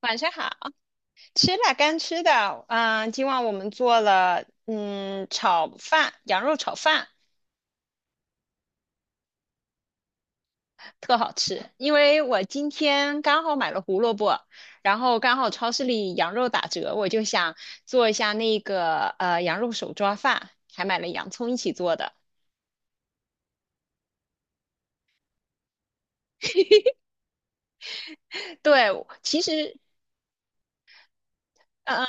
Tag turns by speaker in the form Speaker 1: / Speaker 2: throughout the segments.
Speaker 1: 晚上好，吃了刚吃的，今晚我们做了炒饭，羊肉炒饭，特好吃。因为我今天刚好买了胡萝卜，然后刚好超市里羊肉打折，我就想做一下那个羊肉手抓饭，还买了洋葱一起做的。对，其实嗯，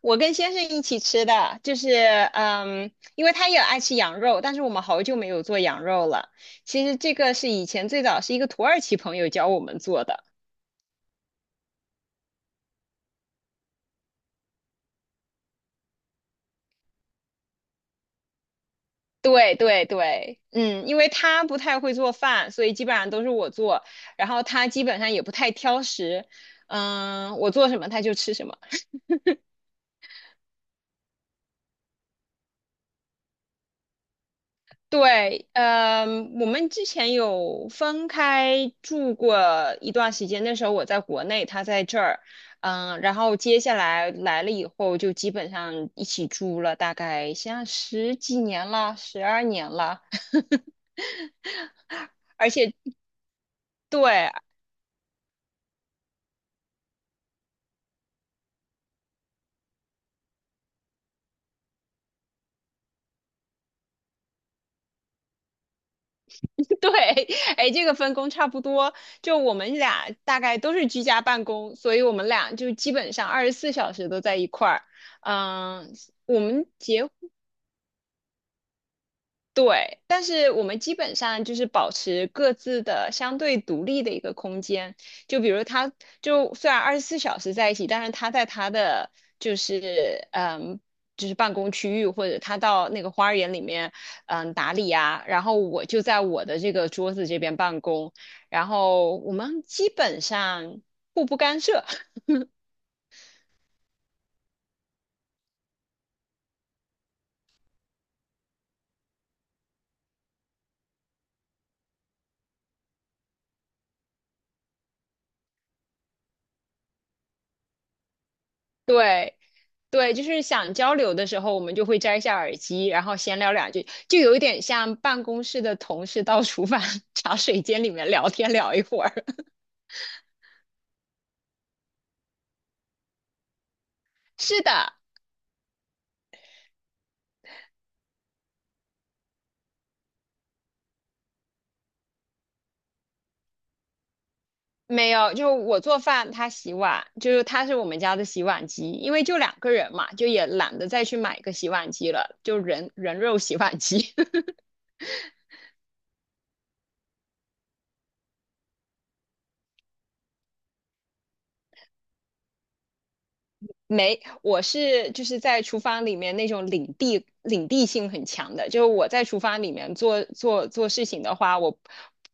Speaker 1: 我跟先生一起吃的，就是因为他也爱吃羊肉，但是我们好久没有做羊肉了。其实这个是以前最早是一个土耳其朋友教我们做的。对对对，因为他不太会做饭，所以基本上都是我做，然后他基本上也不太挑食，我做什么他就吃什么。对，我们之前有分开住过一段时间，那时候我在国内，他在这儿，然后接下来来了以后，就基本上一起住了，大概像十几年了，12年了，而且对 对，哎，这个分工差不多，就我们俩大概都是居家办公，所以我们俩就基本上二十四小时都在一块儿。嗯，我们结对，但是我们基本上就是保持各自的相对独立的一个空间。就比如他，就虽然二十四小时在一起，但是他在他的就是嗯，就是办公区域或者他到那个花园里面打理啊，然后我就在我的这个桌子这边办公，然后我们基本上互不干涉。对，对，就是想交流的时候，我们就会摘下耳机，然后闲聊两句，就有一点像办公室的同事到厨房 茶水间里面聊天聊一会儿。是的，没有，就我做饭，他洗碗，就是他是我们家的洗碗机，因为就两个人嘛，就也懒得再去买个洗碗机了，就人肉洗碗机。没，我是就是在厨房里面那种领地性很强的，就是我在厨房里面做事情的话，我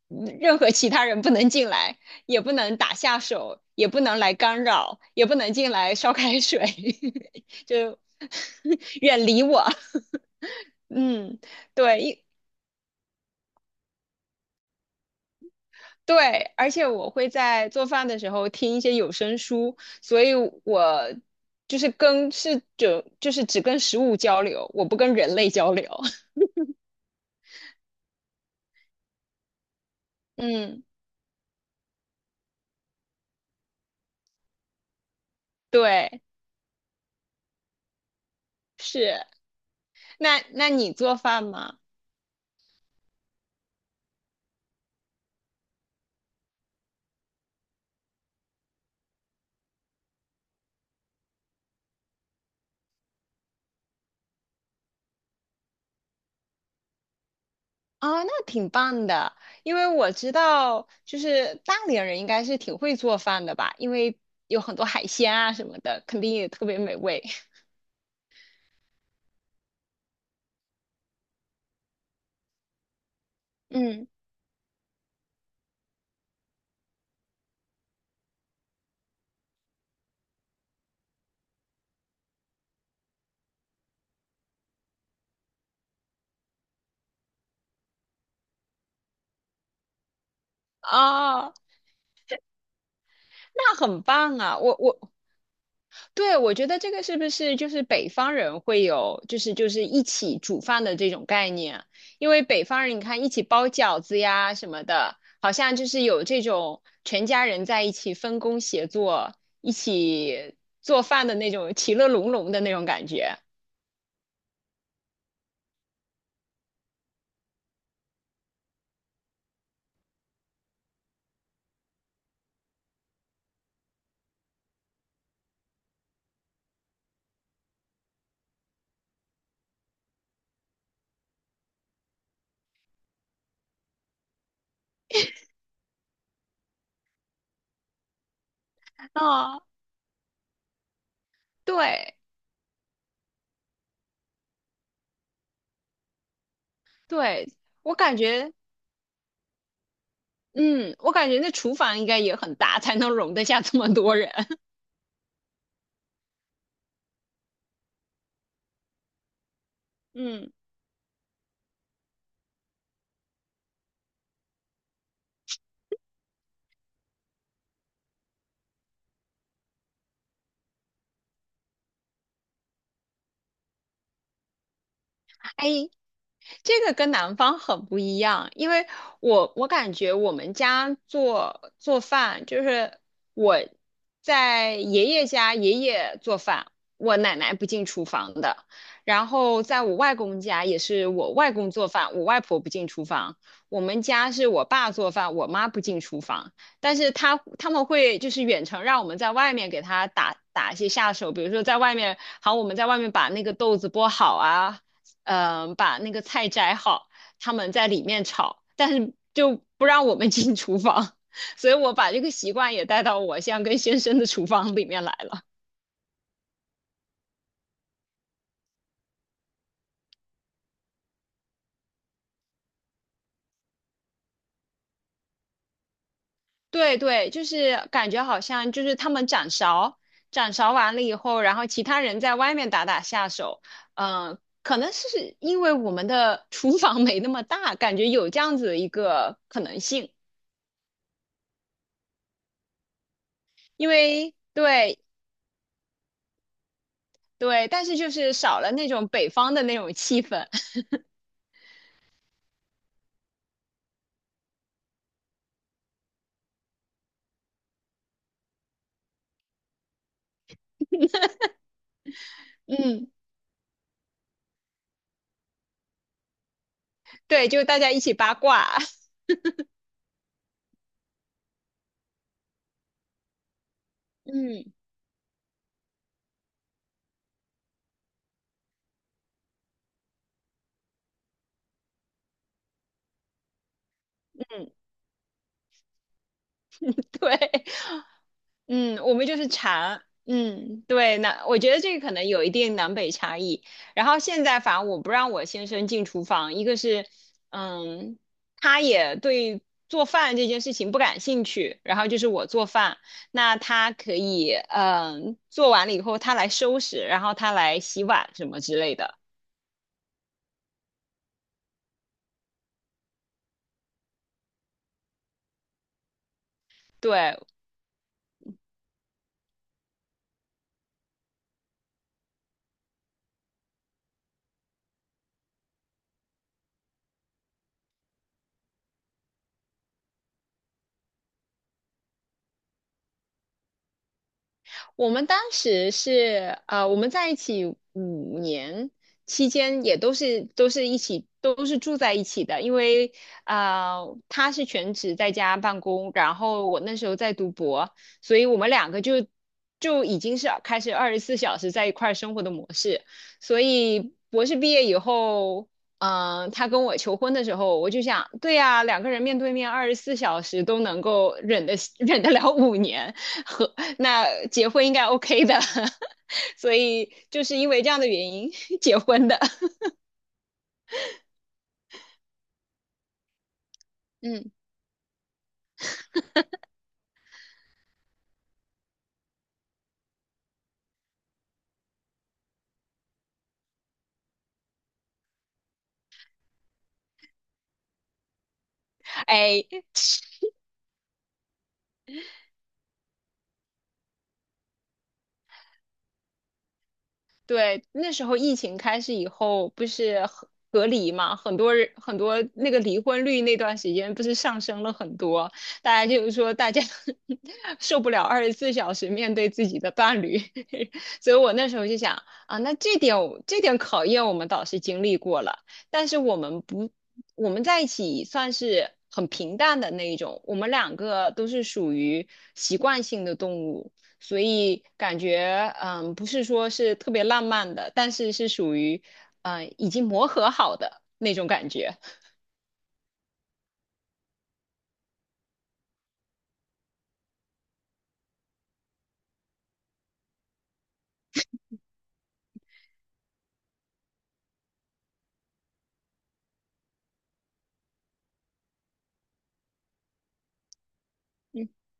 Speaker 1: 任何其他人不能进来，也不能打下手，也不能来干扰，也不能进来烧开水，就 远离我。嗯，对，对，而且我会在做饭的时候听一些有声书，所以我就是跟是就就是只跟食物交流，我不跟人类交流。嗯，对，是。那你做饭吗？啊，那挺棒的，因为我知道就是大连人应该是挺会做饭的吧，因为有很多海鲜啊什么的，肯定也特别美味。嗯，哦，那很棒啊！对，我觉得这个是不是就是北方人会有，就是一起煮饭的这种概念？因为北方人你看一起包饺子呀什么的，好像就是有这种全家人在一起分工协作、一起做饭的那种其乐融融的那种感觉。啊，对对，我感觉，嗯，我感觉那厨房应该也很大，才能容得下这么多人。嗯。哎，这个跟南方很不一样，因为我感觉我们家做饭，就是我在爷爷家，爷爷做饭，我奶奶不进厨房的，然后在我外公家也是我外公做饭，我外婆不进厨房，我们家是我爸做饭，我妈不进厨房，但是他们会就是远程让我们在外面给他打一些下手，比如说在外面，好，我们在外面把那个豆子剥好啊。把那个菜摘好，他们在里面炒，但是就不让我们 进厨房，所以我把这个习惯也带到我现在跟先生的厨房里面来了。对对，就是感觉好像就是他们掌勺，掌勺完了以后，然后其他人在外面打打下手，可能是因为我们的 厨房没那么大，感觉有这样子的一个可能性，对对，但是就是少了那种北方的那种气氛，嗯。对，就大家一起八卦，嗯，对，嗯，我们就是茶，嗯，对，那我觉得这个可能有一定南北差异。然后现在反正我不让我先生进厨房，一个是，嗯，他也对做饭这件事情不感兴趣，然后就是我做饭，那他可以，做完了以后他来收拾，然后他来洗碗什么之类的。对，我们当时是呃，我们在一起五年期间，也都是住在一起的，因为他是全职在家办公，然后我那时候在读博，所以我们两个就已经是开始二十四小时在一块儿生活的模式，所以博士毕业以后。他跟我求婚的时候，我就想，对呀，两个人面对面二十四小时都能够忍得 忍得了5年，和那结婚应该 OK 的，所以就是因为这样的原因 结婚的。嗯，哎，对，那时候疫情开始以后，不是隔离嘛，很多人很多那个离婚率那段时间不是上升了很多，大家就是说大家 受不了24小时面对自己的伴侣，所以我那时候就想啊，那这点我这点考验我们倒是经历过了，但是我们不我们在一起算是很平淡的那一种，我们两个都是属于习惯性的动物。所以感觉不是说是特别浪漫的，但是是属于已经磨合好的那种感觉。嗯，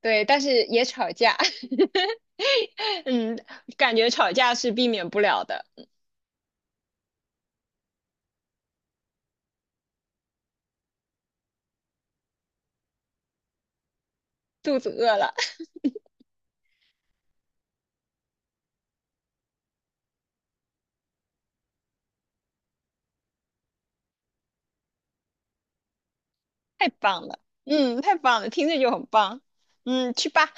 Speaker 1: 对，但是也吵架，嗯，感觉吵架是避免不了的。肚子饿了，太棒了，嗯，太棒了，听着就很棒，去吧。